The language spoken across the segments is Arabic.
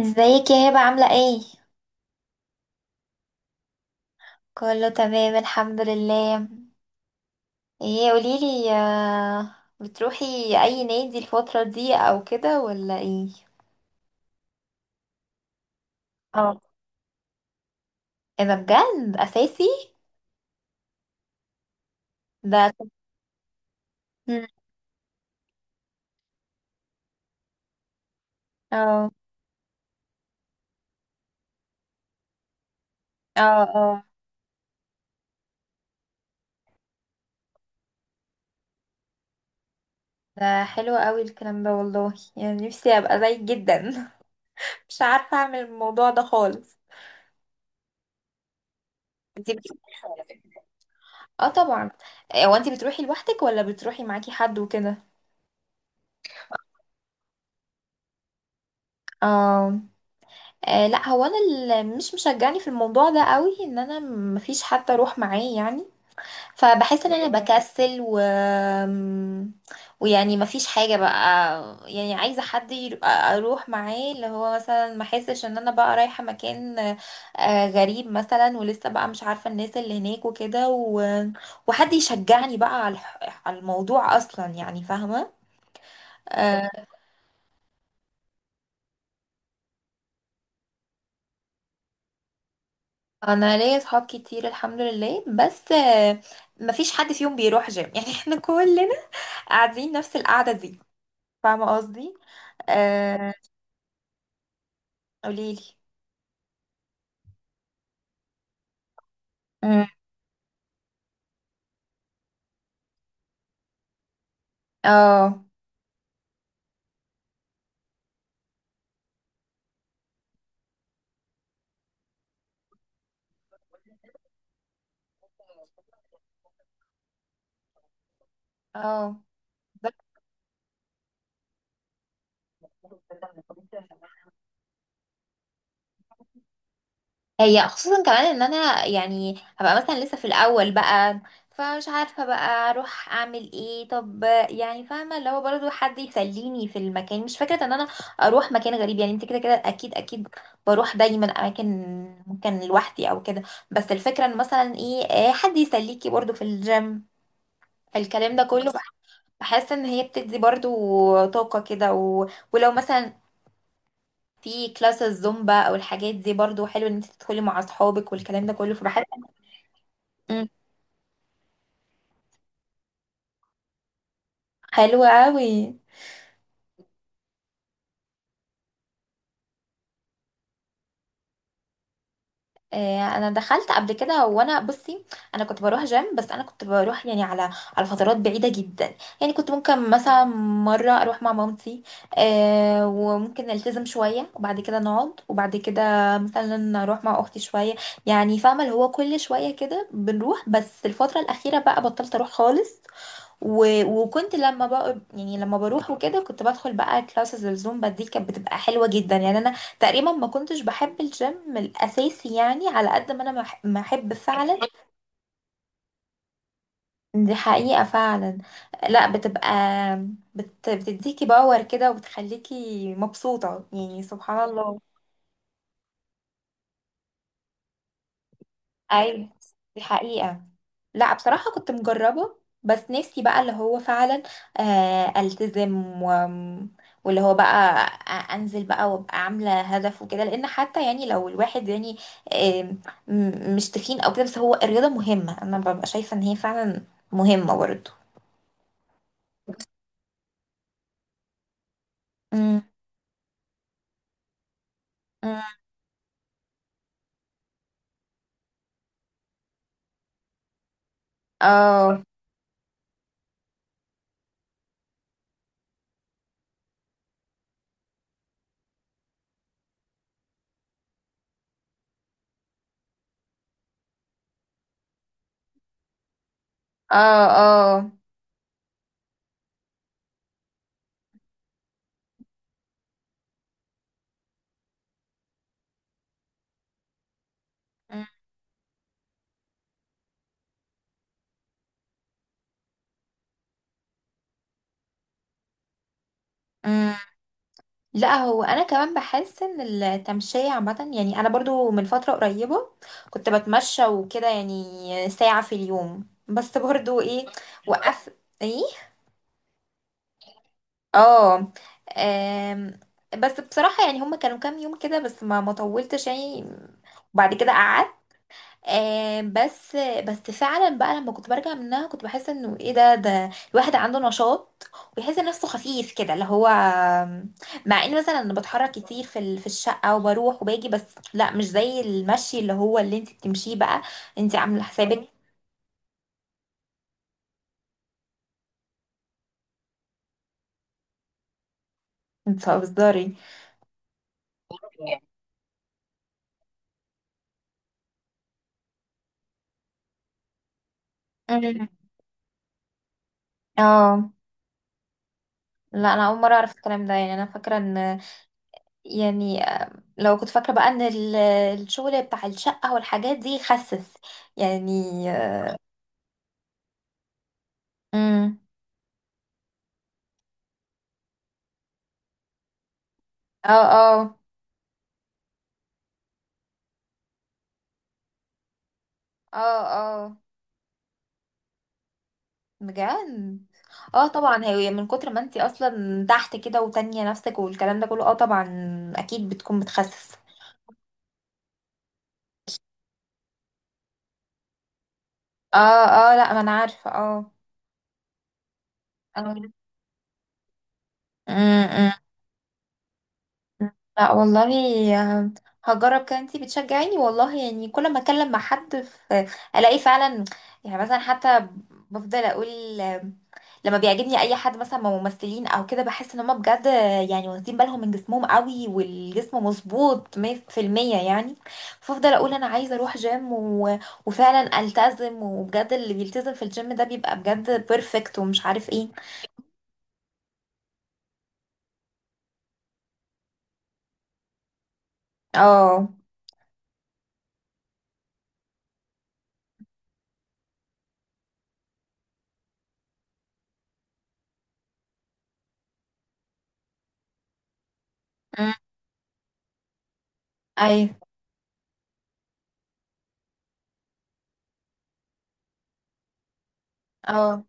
ازيك يا هبة عاملة ايه؟ كله تمام الحمد لله. ايه قوليلي، بتروحي اي نادي الفترة دي او كده ولا ايه؟ اه. ايه ده بجد اساسي؟ ده. مم. اه، اه، اه. ده حلو قوي الكلام ده والله، يعني نفسي ابقى زيك جدا. مش عارفة اعمل الموضوع ده خالص. انتي بتروحي على فكرة. اه طبعا. إيه، هو انتي بتروحي لوحدك ولا بتروحي معاكي حد وكده؟ اه. آه، لا هو انا اللي مش مشجعني في الموضوع ده قوي، ان انا مفيش حد اروح معاه يعني. فبحس ان انا بكسل ويعني مفيش حاجه بقى. يعني عايزه حد اروح معاه، اللي هو مثلا ما احسش ان انا بقى رايحه مكان غريب مثلا، ولسه بقى مش عارفه الناس اللي هناك وكده. وحد يشجعني بقى على على الموضوع اصلا، يعني فاهمه. آه، انا ليا صحاب كتير الحمد لله بس، مفيش حد فيهم بيروح جيم. يعني احنا كلنا قاعدين نفس القعده دي، فاهمه قصدي. آه. قوليلي. مم. اه، اه. هي خصوصا كمان ان انا يعني هبقى مثلا لسه في الاول بقى، فمش عارفه بقى اروح اعمل ايه، طب يعني فاهمه اللي هو برضه حد يسليني في المكان، مش فكره ان انا اروح مكان غريب، يعني انت كده كده اكيد اكيد بروح دايما اماكن ممكن لوحدي او كده. بس الفكره ان مثلا ايه، حد يسليكي برضه في الجيم، الكلام ده كله بحس ان هي بتدي برضه طاقه كده. ولو مثلا في كلاس الزومبا او الحاجات دي برضو حلو ان انت تدخلي مع اصحابك والكلام ده كله، فبحس. مم. حلو قوي. انا دخلت قبل كده، وانا بصي انا كنت بروح جيم، بس انا كنت بروح يعني على فترات بعيده جدا، يعني كنت ممكن مثلا مره اروح مع مامتي، وممكن نلتزم شويه وبعد كده نقعد وبعد كده مثلا اروح مع اختي شويه، يعني فاهمه اللي هو كل شويه كده بنروح، بس الفتره الاخيره بقى بطلت اروح خالص. وكنت لما بقى يعني لما بروح وكده كنت بدخل بقى كلاسز الزومبا، دي كانت بتبقى حلوة جدا، يعني انا تقريبا ما كنتش بحب الجيم الاساسي، يعني على قد ما انا ما احب فعلا. دي حقيقة فعلا. لا بتبقى، بتديكي باور كده وبتخليكي مبسوطة يعني سبحان الله. ايوه. دي حقيقة. لا بصراحة كنت مجربة. بس نفسي بقى اللي هو فعلا، التزم. واللي هو بقى انزل بقى وابقى عاملة هدف وكده، لان حتى يعني لو الواحد يعني، آم، مش تخين او كده، بس هو الرياضة مهمة، انا ببقى شايفة ان هي فعلا مهمة برضه. امم. امم. اه. اه. اه. لا هو انا كمان بحس ان التمشية عامة، يعني انا برضو من فترة قريبة كنت بتمشى وكده، يعني ساعة في اليوم، بس برضو ايه. وقف. ايه. اه. آم، بس بصراحة يعني هما كانوا كام يوم كده، بس ما طولتش يعني وبعد كده قعدت. بس بس فعلا بقى لما كنت برجع منها كنت بحس انه ايه، ده الواحد عنده نشاط، ويحس نفسه خفيف كده، اللي هو مع ان مثلا انا بتحرك كتير في في الشقه، وبروح وباجي بس. لا مش زي المشي اللي هو اللي انت بتمشيه بقى. انت عامله حسابك. انت بتهزري. أمم. اه. لا انا اول مره اعرف الكلام ده، يعني انا فاكره ان، يعني لو كنت فاكره بقى ان الشغل بتاع الشقه والحاجات دي يخسس يعني. امم. اه. اه. اه. اه بجد. اه طبعا، هي من كتر ما انتي اصلا تحت كده وتانية نفسك والكلام ده كله. اه طبعا اكيد بتكون بتخسس. اه. اه لا ما انا عارفه. اه. اه. أمم، أمم. لا والله هجرب كده، انتي بتشجعيني والله، يعني كل ما اتكلم مع حد في الاقي فعلا، يعني مثلا حتى بفضل اقول لما بيعجبني اي حد مثلا من ممثلين او كده بحس ان هم بجد، يعني واخدين بالهم من جسمهم قوي، والجسم مظبوط 100%، يعني فافضل اقول انا عايزه اروح جيم. وفعلا التزم وبجد، اللي بيلتزم في الجيم ده بيبقى بجد بيرفكت ومش عارف ايه. اه. أمم. ايوه. اه.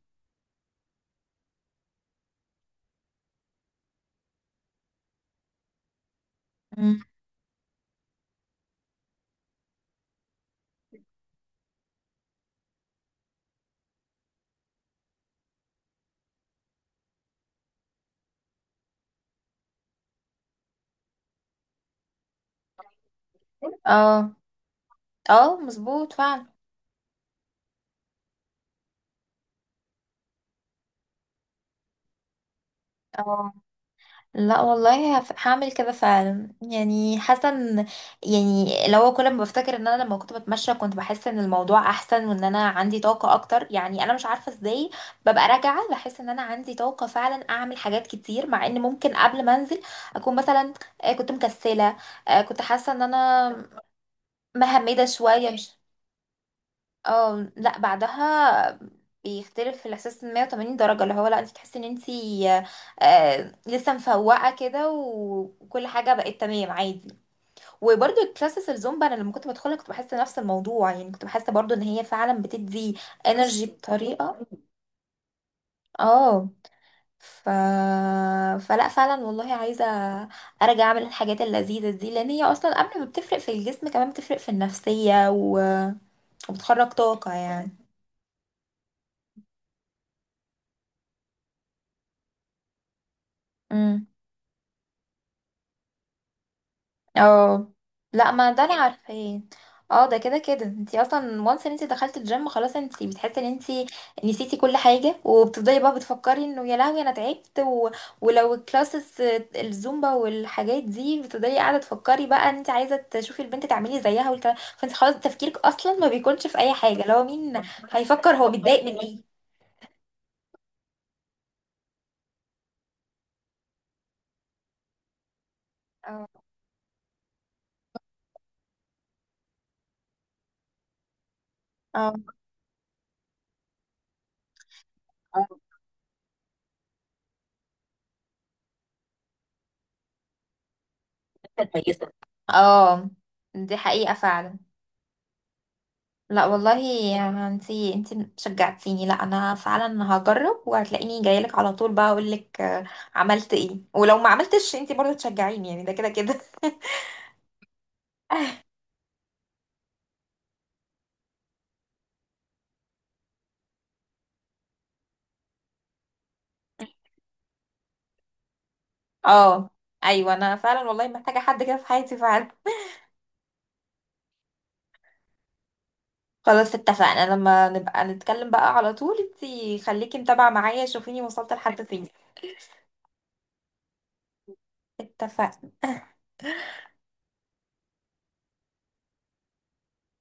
أمم. اه. اه مظبوط فعلا. اه لا والله هعمل كده فعلا، يعني حاسه ان، يعني لو كل ما بفتكر ان انا لما كنت بتمشى كنت بحس ان الموضوع احسن وان انا عندي طاقه اكتر، يعني انا مش عارفه ازاي ببقى راجعه بحس ان انا عندي طاقه فعلا اعمل حاجات كتير، مع ان ممكن قبل ما انزل اكون مثلا كنت مكسله، كنت حاسه ان انا مهمده شويه مش. اه لا بعدها بيختلف الاحساس 180 درجه، اللي هو لا انت تحسي ان انت لسه مفوقه كده وكل حاجه بقت تمام عادي. وبرده الكلاسس الزومبا انا لما كنت بدخلها كنت بحس نفس الموضوع، يعني كنت بحس برضو ان هي فعلا بتدي انرجي بس بطريقه. اه. ف... فلا فعلا والله عايزه ارجع اعمل الحاجات اللذيذه دي، لان هي اصلا قبل ما بتفرق في الجسم كمان بتفرق في النفسيه، وبتخرج طاقه يعني. اه لا ما ده انا عارفاه. اه ده كده كده، انتي اصلا وانس ان انتي دخلتي الجيم، خلاص انتي بتحسي ان انتي نسيتي كل حاجه وبتفضلي بقى بتفكري انه يا لهوي انا تعبت. ولو الكلاسز الزومبا والحاجات دي بتفضلي قاعده تفكري بقى ان انتي عايزه تشوفي البنت تعملي زيها والكلام، فانتي خلاص تفكيرك اصلا ما بيكونش في اي حاجه، لو مين هيفكر هو متضايق من ايه. اه. اه. اه دي حقيقه فعلا. لا والله يا انتي شجعتيني. لا انا فعلا هجرب، وهتلاقيني جايلك على طول بقى اقولك، عملت ايه، ولو ما عملتش انتي برضه تشجعيني يعني ده كده كده. اه. ايوه انا فعلا والله محتاجه حد كده في حياتي فعلا. خلاص اتفقنا، لما نبقى نتكلم بقى على طول انتي خليكي متابعه معايا، شوفيني وصلت لحد فين. اتفقنا.